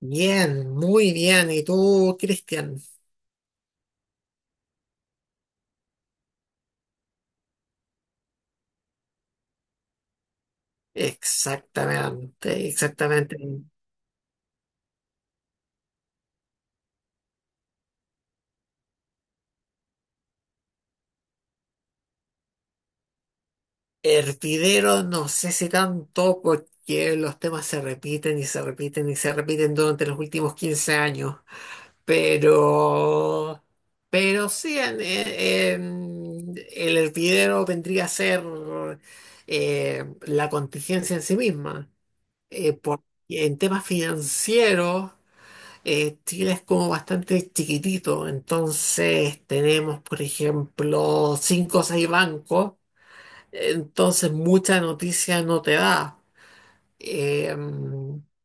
Bien, muy bien. ¿Y tú, Cristian? Exactamente, exactamente. Hervidero, no sé si tanto porque los temas se repiten durante los últimos 15 años, pero, pero sí, el hervidero vendría a ser la contingencia en sí misma. Eh, por- en temas financieros. Chile es como bastante chiquitito, entonces tenemos, por ejemplo, 5 o 6 bancos, entonces mucha noticia no te da. Eh,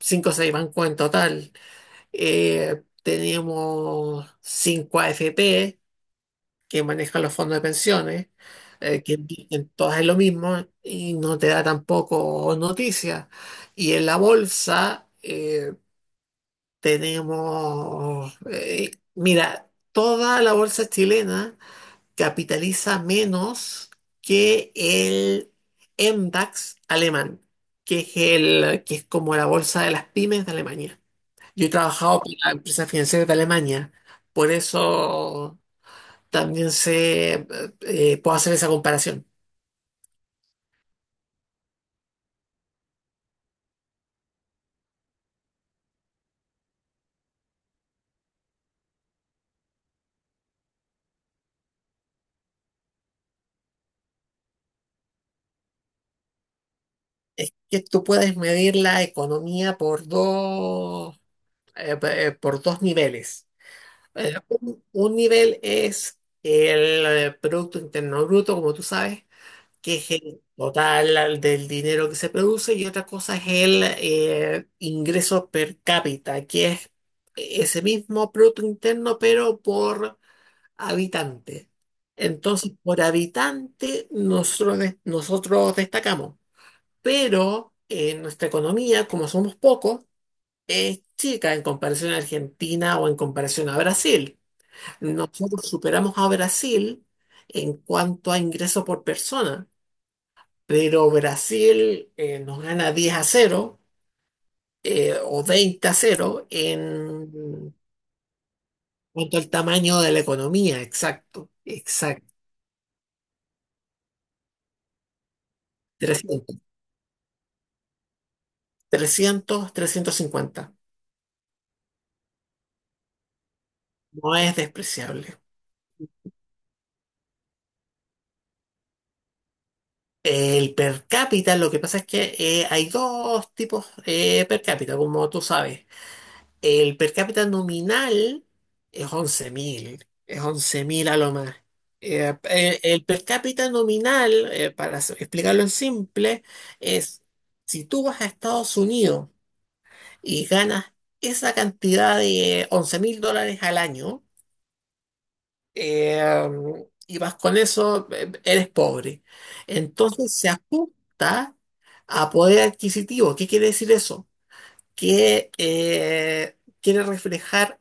5 o 6 bancos en total. Tenemos 5 AFP que manejan los fondos de pensiones, que invierten todas es lo mismo y no te da tampoco noticia. Y en la bolsa, tenemos, mira, toda la bolsa chilena capitaliza menos que el MDAX alemán, que es como la bolsa de las pymes de Alemania. Yo he trabajado con la empresa financiera de Alemania, por eso también sé, puedo hacer esa comparación. Que tú puedes medir la economía por dos niveles. Un nivel es el Producto Interno Bruto, como tú sabes, que es el del dinero que se produce, y otra cosa es el ingreso per cápita, que es ese mismo Producto Interno, pero por habitante. Entonces, por habitante, nosotros destacamos, pero en nuestra economía, como somos pocos, es chica en comparación a Argentina o en comparación a Brasil. Nosotros superamos a Brasil en cuanto a ingreso por persona, pero Brasil nos gana 10-0 o 20-0 en cuanto al tamaño de la economía, exacto, exacto. Trescientos, 350. No es despreciable. El per cápita, lo que pasa es que hay dos tipos per cápita, como tú sabes. El per cápita nominal es 11.000, es 11.000 a lo más. El per cápita nominal, explicarlo en simple, es si tú vas a Estados Unidos y ganas esa cantidad de US$11.000 al año, eh, y vas con eso, eres pobre. Entonces se ajusta a poder adquisitivo. ¿Qué quiere decir eso? Que quiere reflejar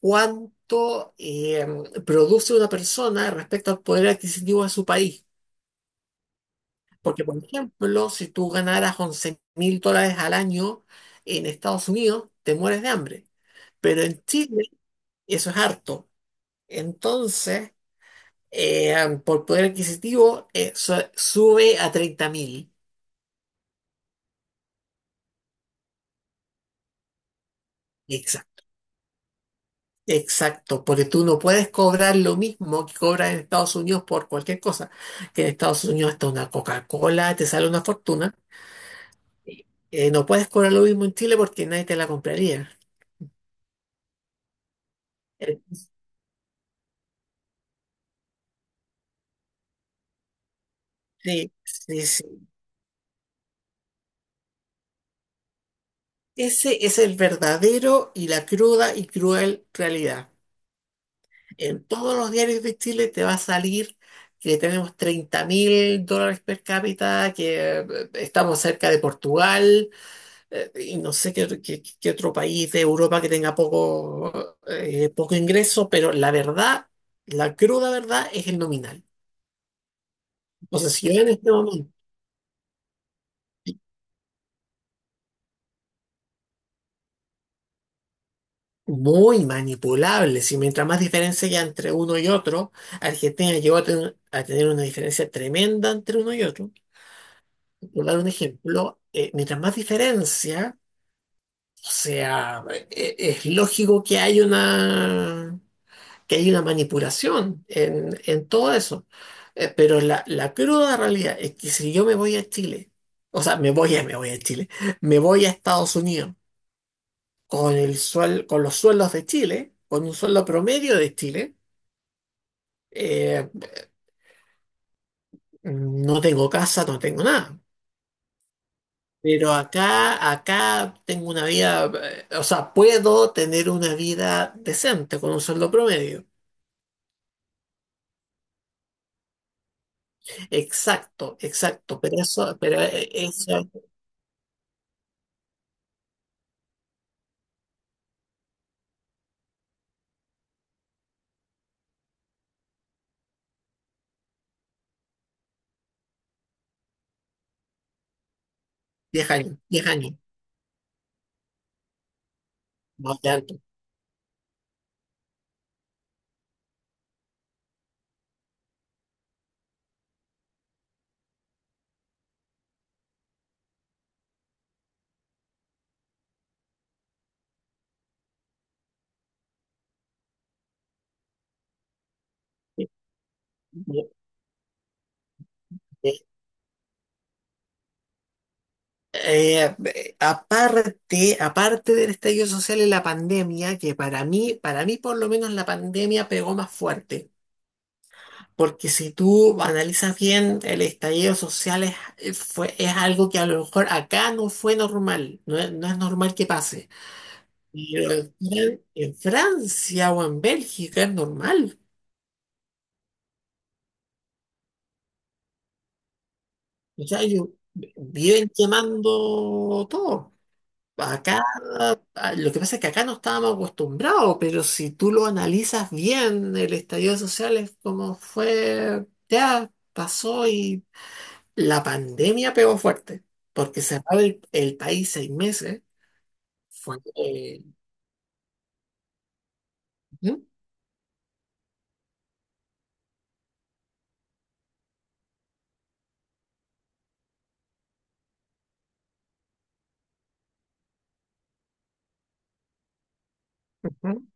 cuánto produce una persona respecto al poder adquisitivo de su país. Porque, por ejemplo, si tú ganaras US$11.000 al año en Estados Unidos, te mueres de hambre. Pero en Chile eso es harto. Entonces, eh, por poder adquisitivo, sube a 30.000. Exacto, porque tú no puedes cobrar lo mismo que cobras en Estados Unidos por cualquier cosa. Que en Estados Unidos hasta una Coca-Cola te sale una fortuna. No puedes cobrar lo mismo en Chile porque nadie te la compraría. Eh, sí, sí, sí. Ese es el verdadero y la cruda y cruel realidad. En todos los diarios de Chile te va a salir que tenemos US$30.000 per cápita, que estamos cerca de Portugal y no sé qué, qué otro país de Europa que tenga poco, poco ingreso, pero la verdad, la cruda verdad es el nominal. Entonces, si yo en este momento, muy manipulable, si mientras más diferencia haya entre uno y otro, Argentina llegó a tener una diferencia tremenda entre uno y otro. Por dar un ejemplo, mientras más diferencia, o sea, es lógico que hay que hay una manipulación en todo eso. Pero la cruda realidad es que si yo me voy a Chile, o sea, me voy a Chile, me voy a Estados Unidos con los sueldos de Chile, con un sueldo promedio de Chile, eh, no tengo casa, no tengo nada. Pero acá, acá tengo una vida, o sea, puedo tener una vida decente con un sueldo promedio. Exacto, exacto, pero eso, eso diez años, 10 años. No tanto. Eh, Aparte del estallido social y la pandemia, que para mí por lo menos la pandemia pegó más fuerte. Porque si tú analizas bien, el estallido social es algo que a lo mejor acá no fue normal, no es, no es normal que pase. Pero en Francia o en Bélgica es normal. O sea, ellos viven quemando todo. Acá, ah, lo que pasa es que acá no estábamos acostumbrados, pero si tú lo analizas bien, el estallido social es como fue, ya pasó y la pandemia pegó fuerte, porque cerrar el país 6 meses fue. ¿Sí? Ujú.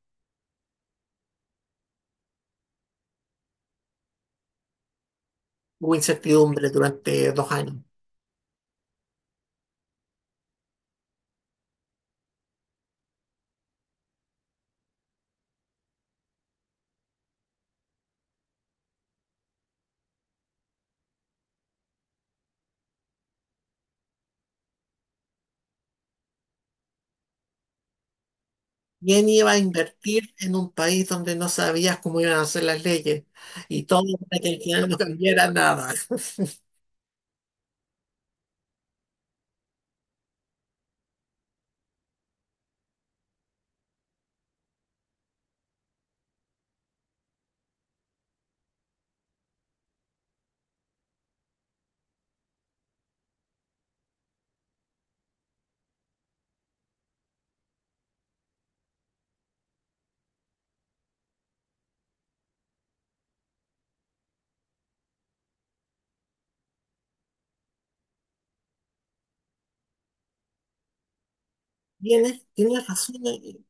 Hubo incertidumbre durante 2 años. ¿Quién iba a invertir en un país donde no sabías cómo iban a ser las leyes? Y todo para que al final no cambiara nada. Tienes, tienes razón.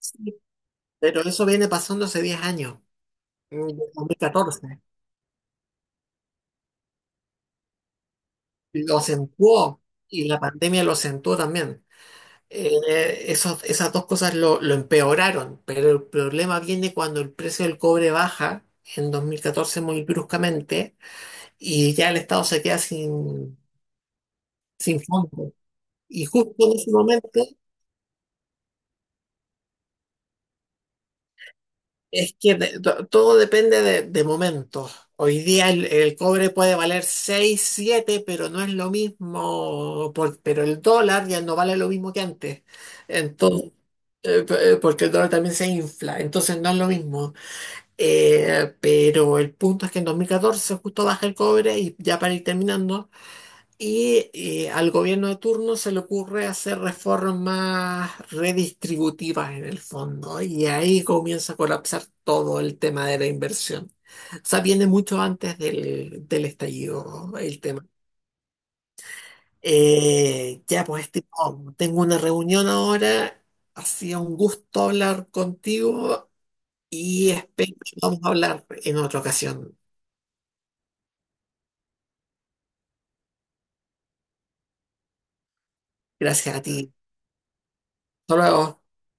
Sí. Pero eso viene pasando hace 10 años, en el 2014. Lo acentuó y la pandemia lo acentuó también. Esas dos cosas lo empeoraron, pero el problema viene cuando el precio del cobre baja en 2014 muy bruscamente y ya el Estado se queda sin, sin fondos. Y justo en ese momento es que todo depende de momentos. Hoy día el cobre puede valer 6 7 pero no es lo mismo, pero el dólar ya no vale lo mismo que antes. Entonces, porque el dólar también se infla, entonces no es lo mismo. Pero el punto es que en 2014 justo baja el cobre, y ya para ir terminando. Y al gobierno de turno se le ocurre hacer reformas redistributivas en el fondo, y ahí comienza a colapsar todo el tema de la inversión. O sea, viene mucho antes del, del estallido el tema. Ya, pues, este, oh, tengo una reunión ahora, ha sido un gusto hablar contigo y espero que vamos a hablar en otra ocasión. Gracias a ti. Hasta luego.